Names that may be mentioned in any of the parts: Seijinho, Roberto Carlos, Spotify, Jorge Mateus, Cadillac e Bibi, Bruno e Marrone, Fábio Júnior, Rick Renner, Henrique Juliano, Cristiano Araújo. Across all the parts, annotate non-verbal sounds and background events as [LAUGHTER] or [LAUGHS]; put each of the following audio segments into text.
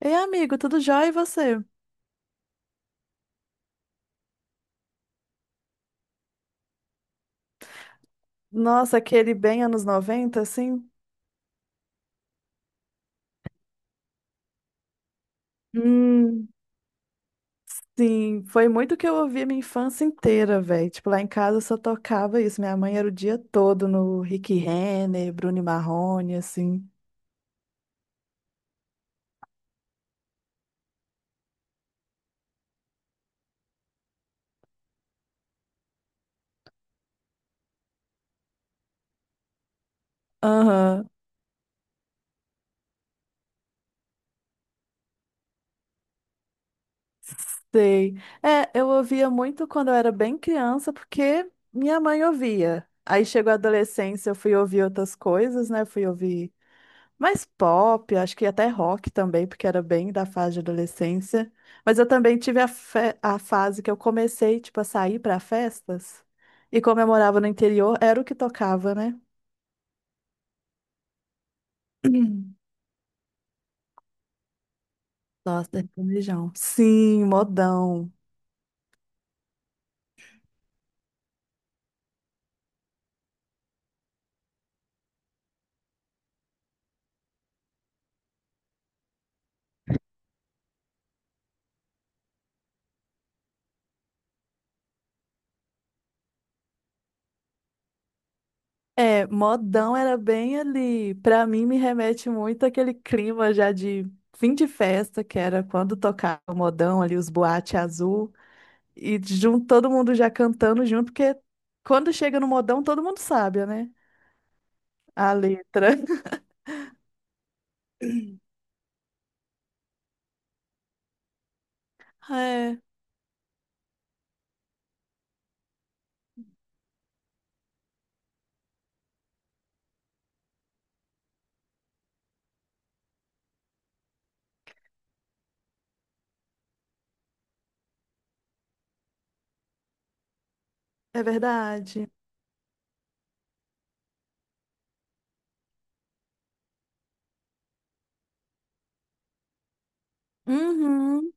Ei, amigo, tudo jóia e você? Nossa, aquele bem anos 90, assim? Hum, Sim, foi muito que eu ouvi a minha infância inteira, velho. Tipo, lá em casa só tocava isso. Minha mãe era o dia todo no Rick Renner, Bruno e Marrone, assim. Aham, sei. É, eu ouvia muito quando eu era bem criança, porque minha mãe ouvia. Aí chegou a adolescência, eu fui ouvir outras coisas, né? Fui ouvir mais pop, acho que até rock também, porque era bem da fase de adolescência. Mas eu também tive a, a fase que eu comecei, tipo, a sair para festas. E como eu morava no interior, era o que tocava, né? [CLEARS THROAT] Nossa, sertanejão. Sim, modão. É, modão era bem ali. Pra mim, me remete muito àquele clima já de fim de festa, que era quando tocava o modão ali, os boate azul. E junto, todo mundo já cantando junto, porque quando chega no modão, todo mundo sabe, né? A letra. [LAUGHS] É, é verdade. Uhum.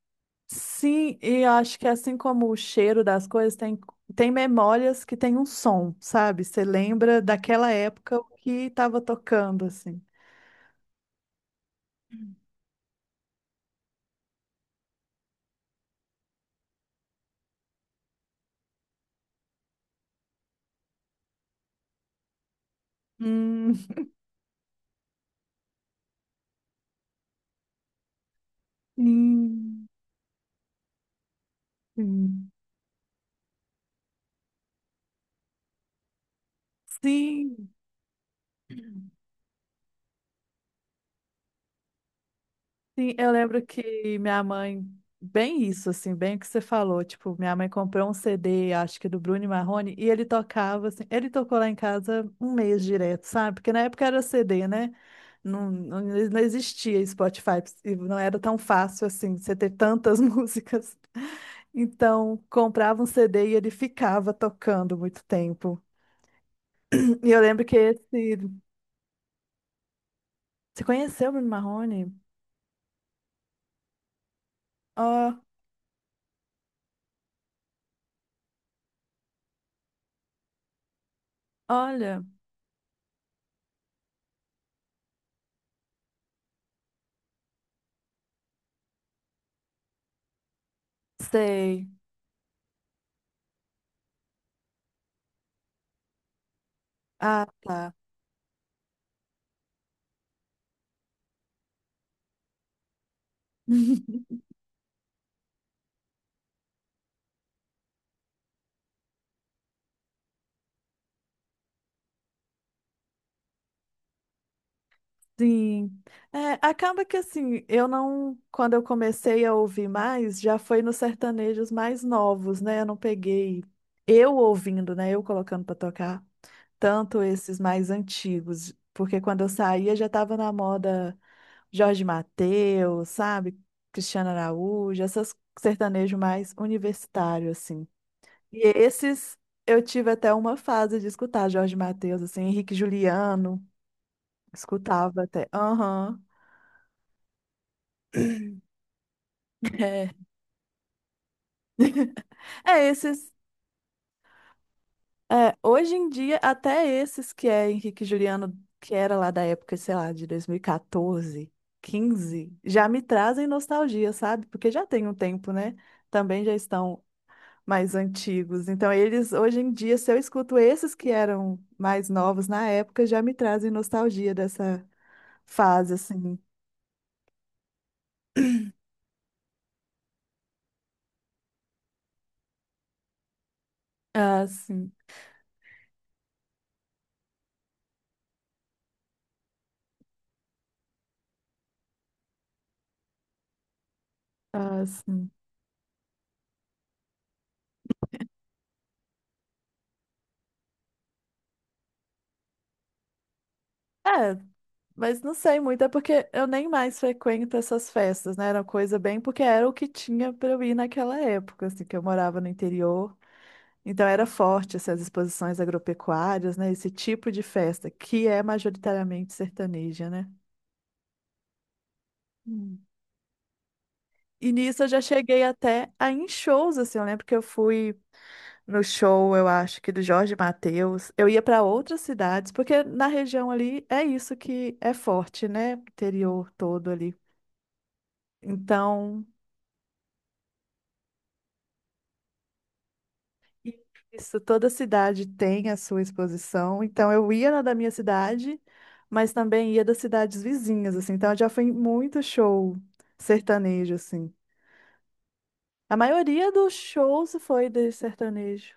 Sim, e eu acho que assim como o cheiro das coisas, tem memórias que tem um som, sabe? Você lembra daquela época o que estava tocando, assim. Hum, sim, sim. Sim, Sim, eu lembro que minha mãe, bem isso, assim, bem o que você falou, tipo, minha mãe comprou um CD, acho que do Bruno e Marrone, e ele tocava, assim, ele tocou lá em casa um mês direto, sabe? Porque na época era CD, né? Não, não, não existia Spotify, e não era tão fácil, assim, você ter tantas [LAUGHS] músicas. Então, comprava um CD e ele ficava tocando muito tempo. E eu lembro que esse... Você conheceu o Bruno Marrone? Ó, olha, sei. Ah, tá. [LAUGHS] Sim. É, acaba que assim, eu não, quando eu comecei a ouvir mais, já foi nos sertanejos mais novos, né? Eu não peguei eu ouvindo, né? Eu colocando pra tocar tanto esses mais antigos, porque quando eu saía já tava na moda Jorge Mateus, sabe? Cristiano Araújo, essas sertanejo mais universitário assim. E esses eu tive até uma fase de escutar Jorge Mateus, assim, Henrique Juliano. Escutava até. Aham. [LAUGHS] É. É, esses. É, hoje em dia, até esses que é Henrique e Juliano, que era lá da época, sei lá, de 2014, 15 já me trazem nostalgia, sabe? Porque já tem um tempo, né? Também já estão mais antigos. Então, eles, hoje em dia, se eu escuto esses que eram mais novos na época, já me trazem nostalgia dessa fase, assim. Ah, sim. Ah, sim. É, mas não sei muito, é porque eu nem mais frequento essas festas, né? Era coisa bem porque era o que tinha pra eu ir naquela época, assim, que eu morava no interior. Então era forte essas exposições agropecuárias, né? Esse tipo de festa, que é majoritariamente sertaneja, né? Hum. E nisso eu já cheguei até a ir em shows, assim, eu lembro que eu fui no show, eu acho que do Jorge Mateus. Eu ia para outras cidades, porque na região ali é isso que é forte, né? Interior todo ali. Então, isso, toda cidade tem a sua exposição. Então, eu ia na da minha cidade, mas também ia das cidades vizinhas, assim. Então, eu já fui em muito show sertanejo, assim. A maioria dos shows foi de sertanejo.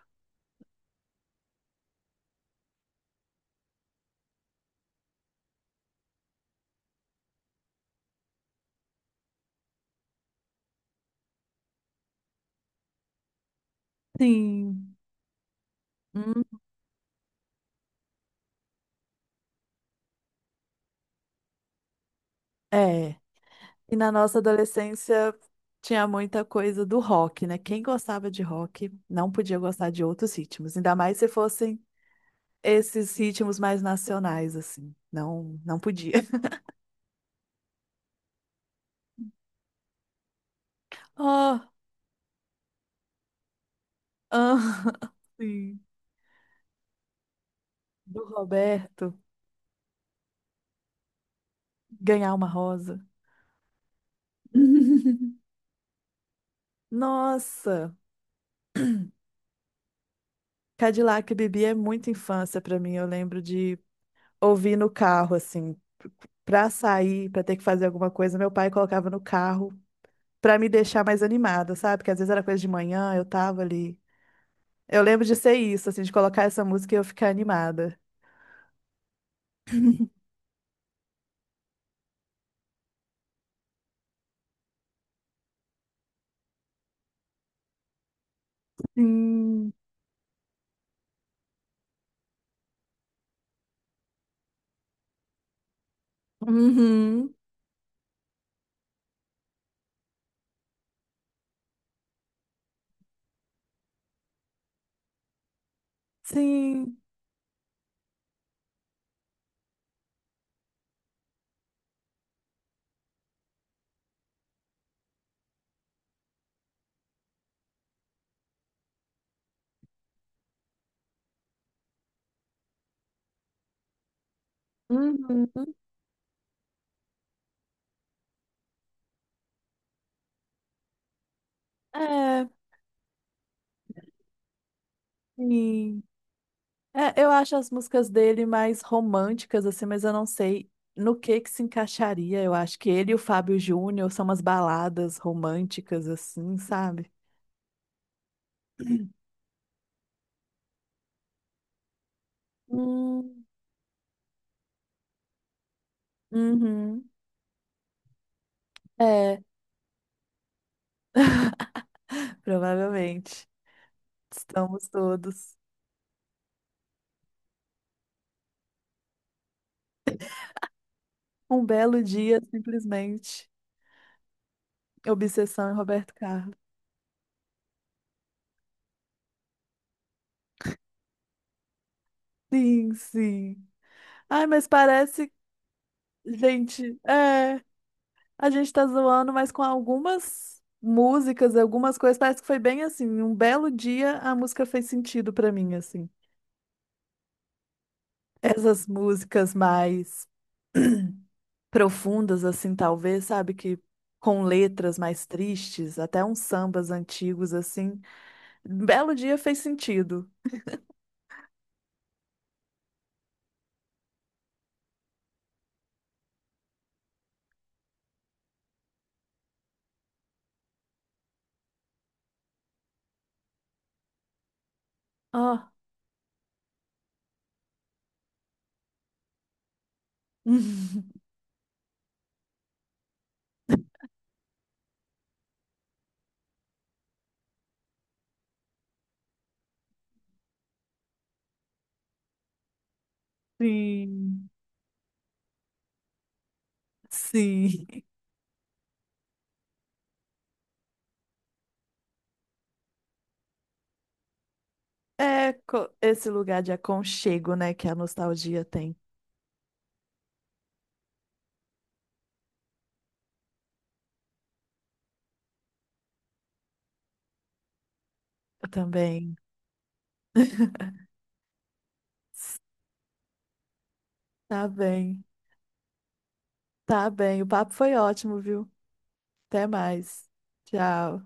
Sim. Hum, é. E na nossa adolescência tinha muita coisa do rock, né? Quem gostava de rock não podia gostar de outros ritmos, ainda mais se fossem esses ritmos mais nacionais, assim. Não, não podia. [LAUGHS] Oh, ah, [LAUGHS] sim. Do Roberto ganhar uma rosa. [LAUGHS] Nossa, Cadillac e Bibi é muita infância pra mim. Eu lembro de ouvir no carro assim, pra sair, pra ter que fazer alguma coisa, meu pai colocava no carro pra me deixar mais animada, sabe? Porque às vezes era coisa de manhã, eu tava ali. Eu lembro de ser isso, assim, de colocar essa música e eu ficar animada. Sim. Uhum. Sim. Uhum. É, sim. É, eu acho as músicas dele mais românticas, assim, mas eu não sei no que se encaixaria. Eu acho que ele e o Fábio Júnior são umas baladas românticas, assim, sabe? Hum, Uhum. É, provavelmente. Estamos todos. Um belo dia, simplesmente. Obsessão em Roberto Carlos. Sim, sim. Ai, mas parece. Gente, é. A gente tá zoando, mas com algumas músicas, algumas coisas, parece que foi bem assim, um belo dia a música fez sentido pra mim, assim. Essas músicas mais profundas, assim, talvez, sabe, que com letras mais tristes, até uns sambas antigos, assim, um belo dia fez sentido. Ah, [LAUGHS] sim, sim. É co- esse lugar de aconchego, né, que a nostalgia tem. Eu também. [LAUGHS] Tá bem. Tá bem, o papo foi ótimo, viu? Até mais. Tchau.